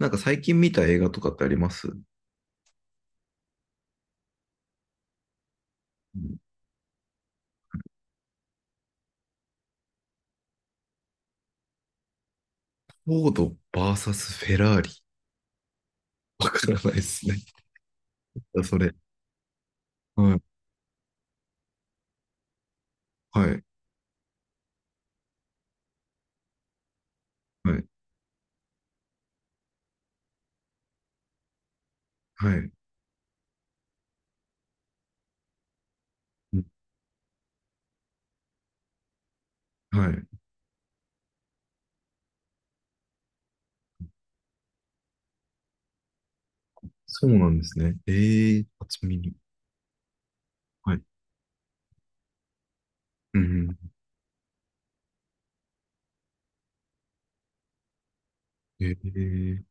なんか最近見た映画とかってありますうん。フォード VS フェラーリ。わからないですね。それ。はい。はい。はい。はい。うん。はい。そうなんですね。ええー、初耳。はい。うん。ええー。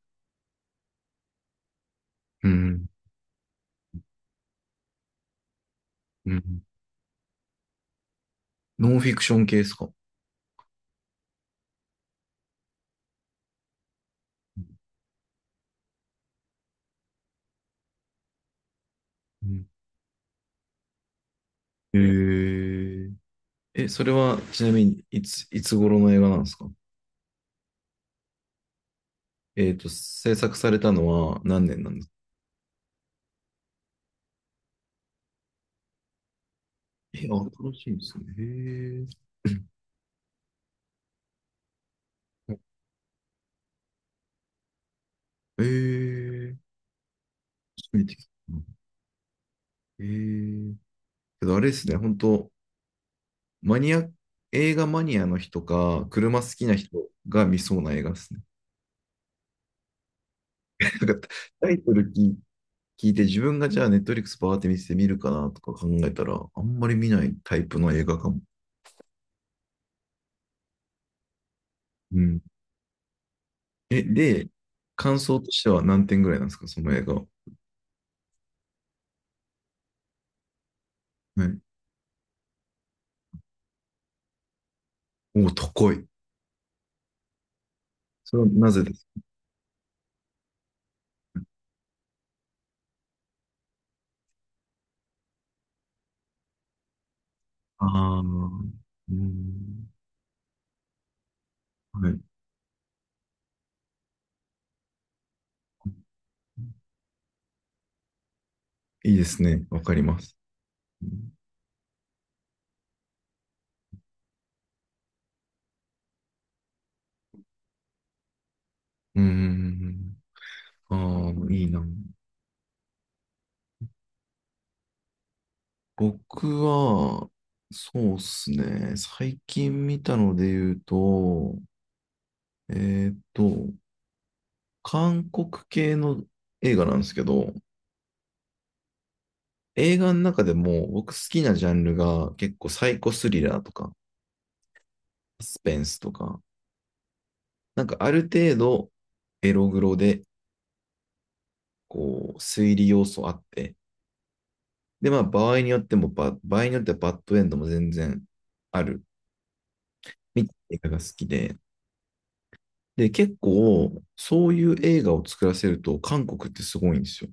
うん。うん。ノンフィクション系ですか？うん。え、ええ、それはちなみにいつ頃の映画なんですか？制作されたのは何年なんですか？え、新しいんですね。へえ。 え、初めて聞いた。へえ。けどあれですね、本当マニア、映画マニアの人か、車好きな人が見そうな映画ですね。なんかタイトル聞いて、自分がじゃあネットリックスパーって見せて見るかなとか考えたら、あんまり見ないタイプの映画かも。うん。え、で、感想としては何点ぐらいなんですか、その映画は？はい。おお、高い。それはなぜですかああー、うん。はい。いいですね。わかります。うん。ううん、うん、うん。ああ、いいな。僕は、そうっすね。最近見たので言うと、えーっと、韓国系の映画なんですけど、映画の中でも僕好きなジャンルが結構サイコスリラーとか、サスペンスとか、なんかある程度エログロで、こう、推理要素あって、で、まあ場合によってはバッドエンドも全然ある、みたいな映画が好きで、で、結構、そういう映画を作らせると、韓国ってすごいんですよ。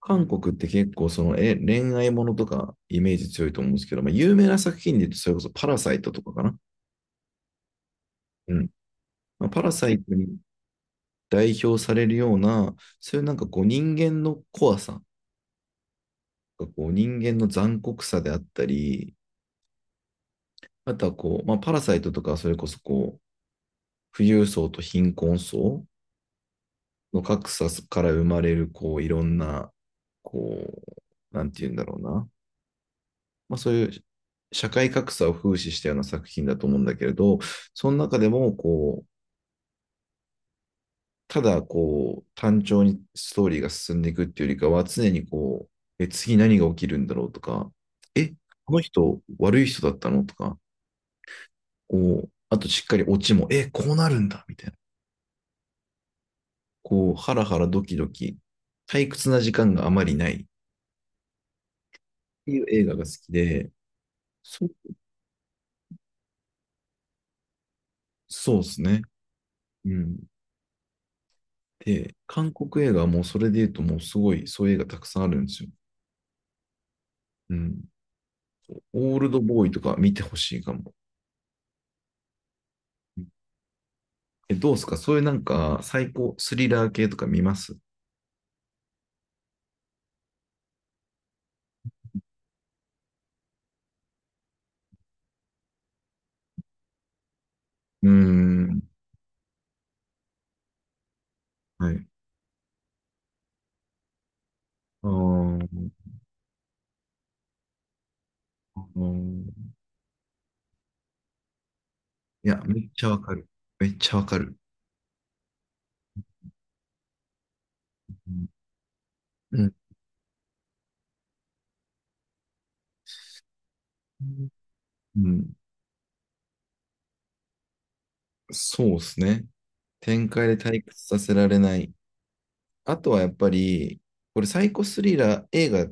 韓国って結構、その、え、恋愛ものとか、イメージ強いと思うんですけど、まあ、有名な作品で言うと、それこそ、パラサイトとかかな。うん。まあ、パラサイトに代表されるような、そういうなんかこう、人間の怖さ、こう人間の残酷さであったり、あとはこう、まあ、パラサイトとか、それこそこう、富裕層と貧困層の格差から生まれる、こう、いろんな、こう、なんて言うんだろうな。まあ、そういう社会格差を風刺したような作品だと思うんだけれど、その中でもこう、ただこう、単調にストーリーが進んでいくっていうよりかは、常にこう、え、次何が起きるんだろうとか、え、この人悪い人だったのとか、こう、あとしっかりオチも、え、こうなるんだみたいな。こう、ハラハラドキドキ、退屈な時間があまりないっていう映画が好きで、そ、そうですね。うん。で、韓国映画はもうそれで言うともうすごい、そういう映画たくさんあるんですよ。うん。オールドボーイとか見てほしいかも。え、どうですかそういうなんか最高スリラー系とか見ますうーん。はい。あー、あー、いや、めっちゃわかる。めっちゃわかる。うん。うん。うん。そうですね。展開で退屈させられない。あとはやっぱり、これサイコスリラー映画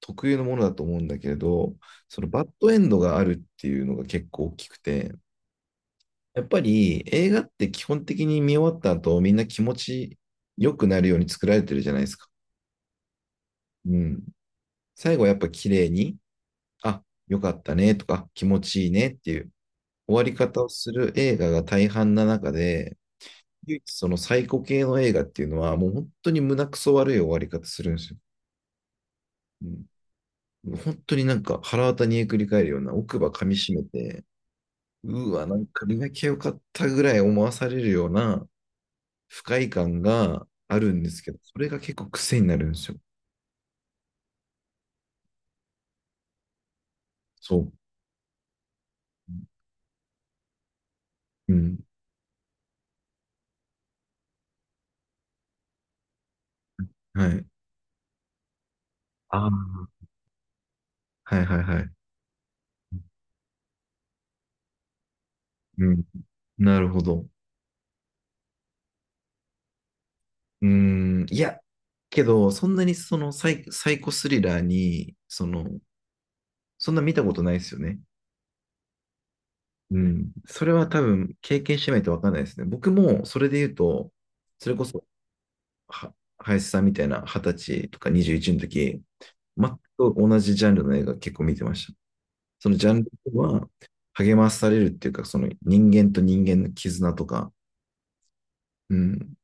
特有のものだと思うんだけれど、そのバッドエンドがあるっていうのが結構大きくて、やっぱり映画って基本的に見終わった後、みんな気持ち良くなるように作られてるじゃないですか。うん。最後はやっぱ綺麗に、あ、良かったねとか、気持ちいいねっていう終わり方をする映画が大半な中で、唯一そのサイコ系の映画っていうのは、もう本当に胸くそ悪い終わり方するんですよ。うん、本当になんか腹渡にえくり返るような奥歯噛みしめて、うわ、なんか磨きゃよかったぐらい思わされるような不快感があるんですけど、それが結構癖になるんですよ。そう。うん。はい。ああ。はい、はい、はい。うん。なるほど。うーん。いや、けど、そんなにそのサイコスリラーに、その、そんな見たことないですよね。うん。それは多分経験してないとわかんないですね。僕もそれで言うと、それこそ、は、林さんみたいな二十歳とか21の時、全く同じジャンルの映画結構見てました。そのジャンルは励まされるっていうか、その人間と人間の絆とか、うん。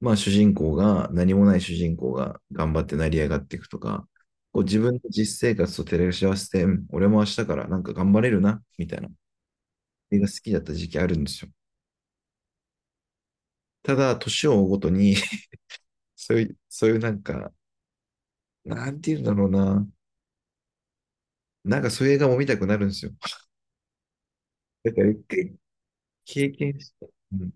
まあ主人公が、何もない主人公が頑張って成り上がっていくとか、こう自分の実生活と照らし合わせて、うん、俺も明日からなんか頑張れるな、みたいな映画好きだった時期あるんですよ。ただ、年を追うごとに そういうなんか、なんて言うんだろうな。なんかそういう映画も見たくなるんですよ。だから一回経験して、うん、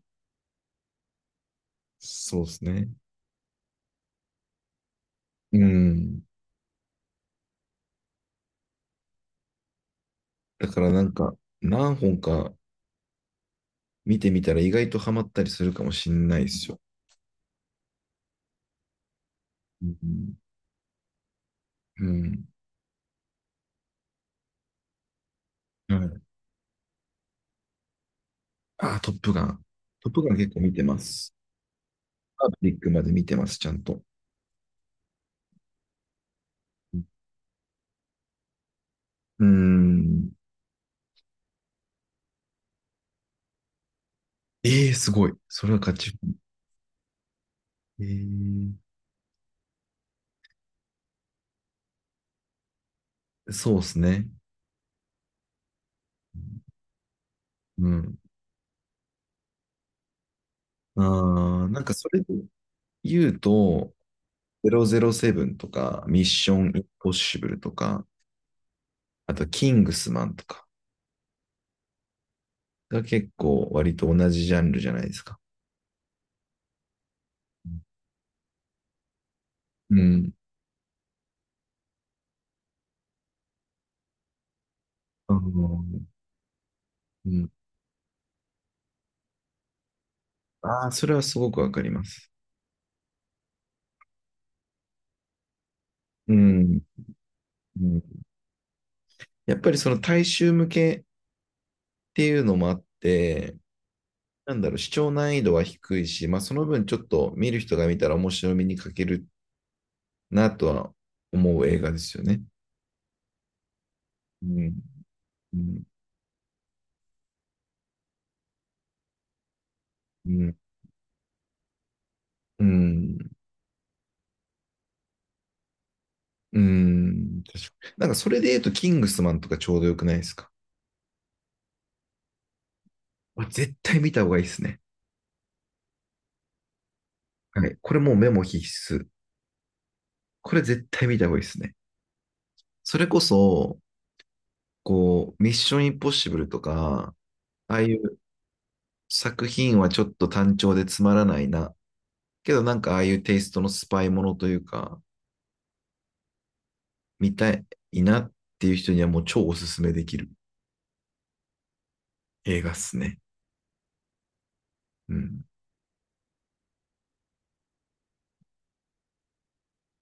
そうですね。うん。だからなんか、何本か見てみたら意外とハマったりするかもしんないですよ。うん、うん。はい。あー、トップガン。トップガン結構見てます。パートリックまで見てます、ちゃんと。うん。ええー、すごい。それは勝ち。えー、そうですね。うん。ああ、なんかそれで言うと、007とか、ミッションインポッシブルとか、あと、キングスマンとかが結構割と同じジャンルじゃないですか。うん。あの、うん。ああ、それはすごくわかります。うん。うん。やっぱりその大衆向けっていうのもあって、なんだろう、視聴難易度は低いし、まあその分ちょっと見る人が見たら面白みに欠けるなとは思う映画ですよね。うん。うん。うん。うん。うん、確かになんかそれで言うと、キングスマンとかちょうどよくないですか？あ、絶対見た方がいいですね。はい。これもうメモ必須。これ絶対見た方がいいですね。それこそ、こう、ミッションインポッシブルとか、ああいう作品はちょっと単調でつまらないな。けどなんかああいうテイストのスパイものというか、見たいなっていう人にはもう超おすすめできる映画っすね。うん。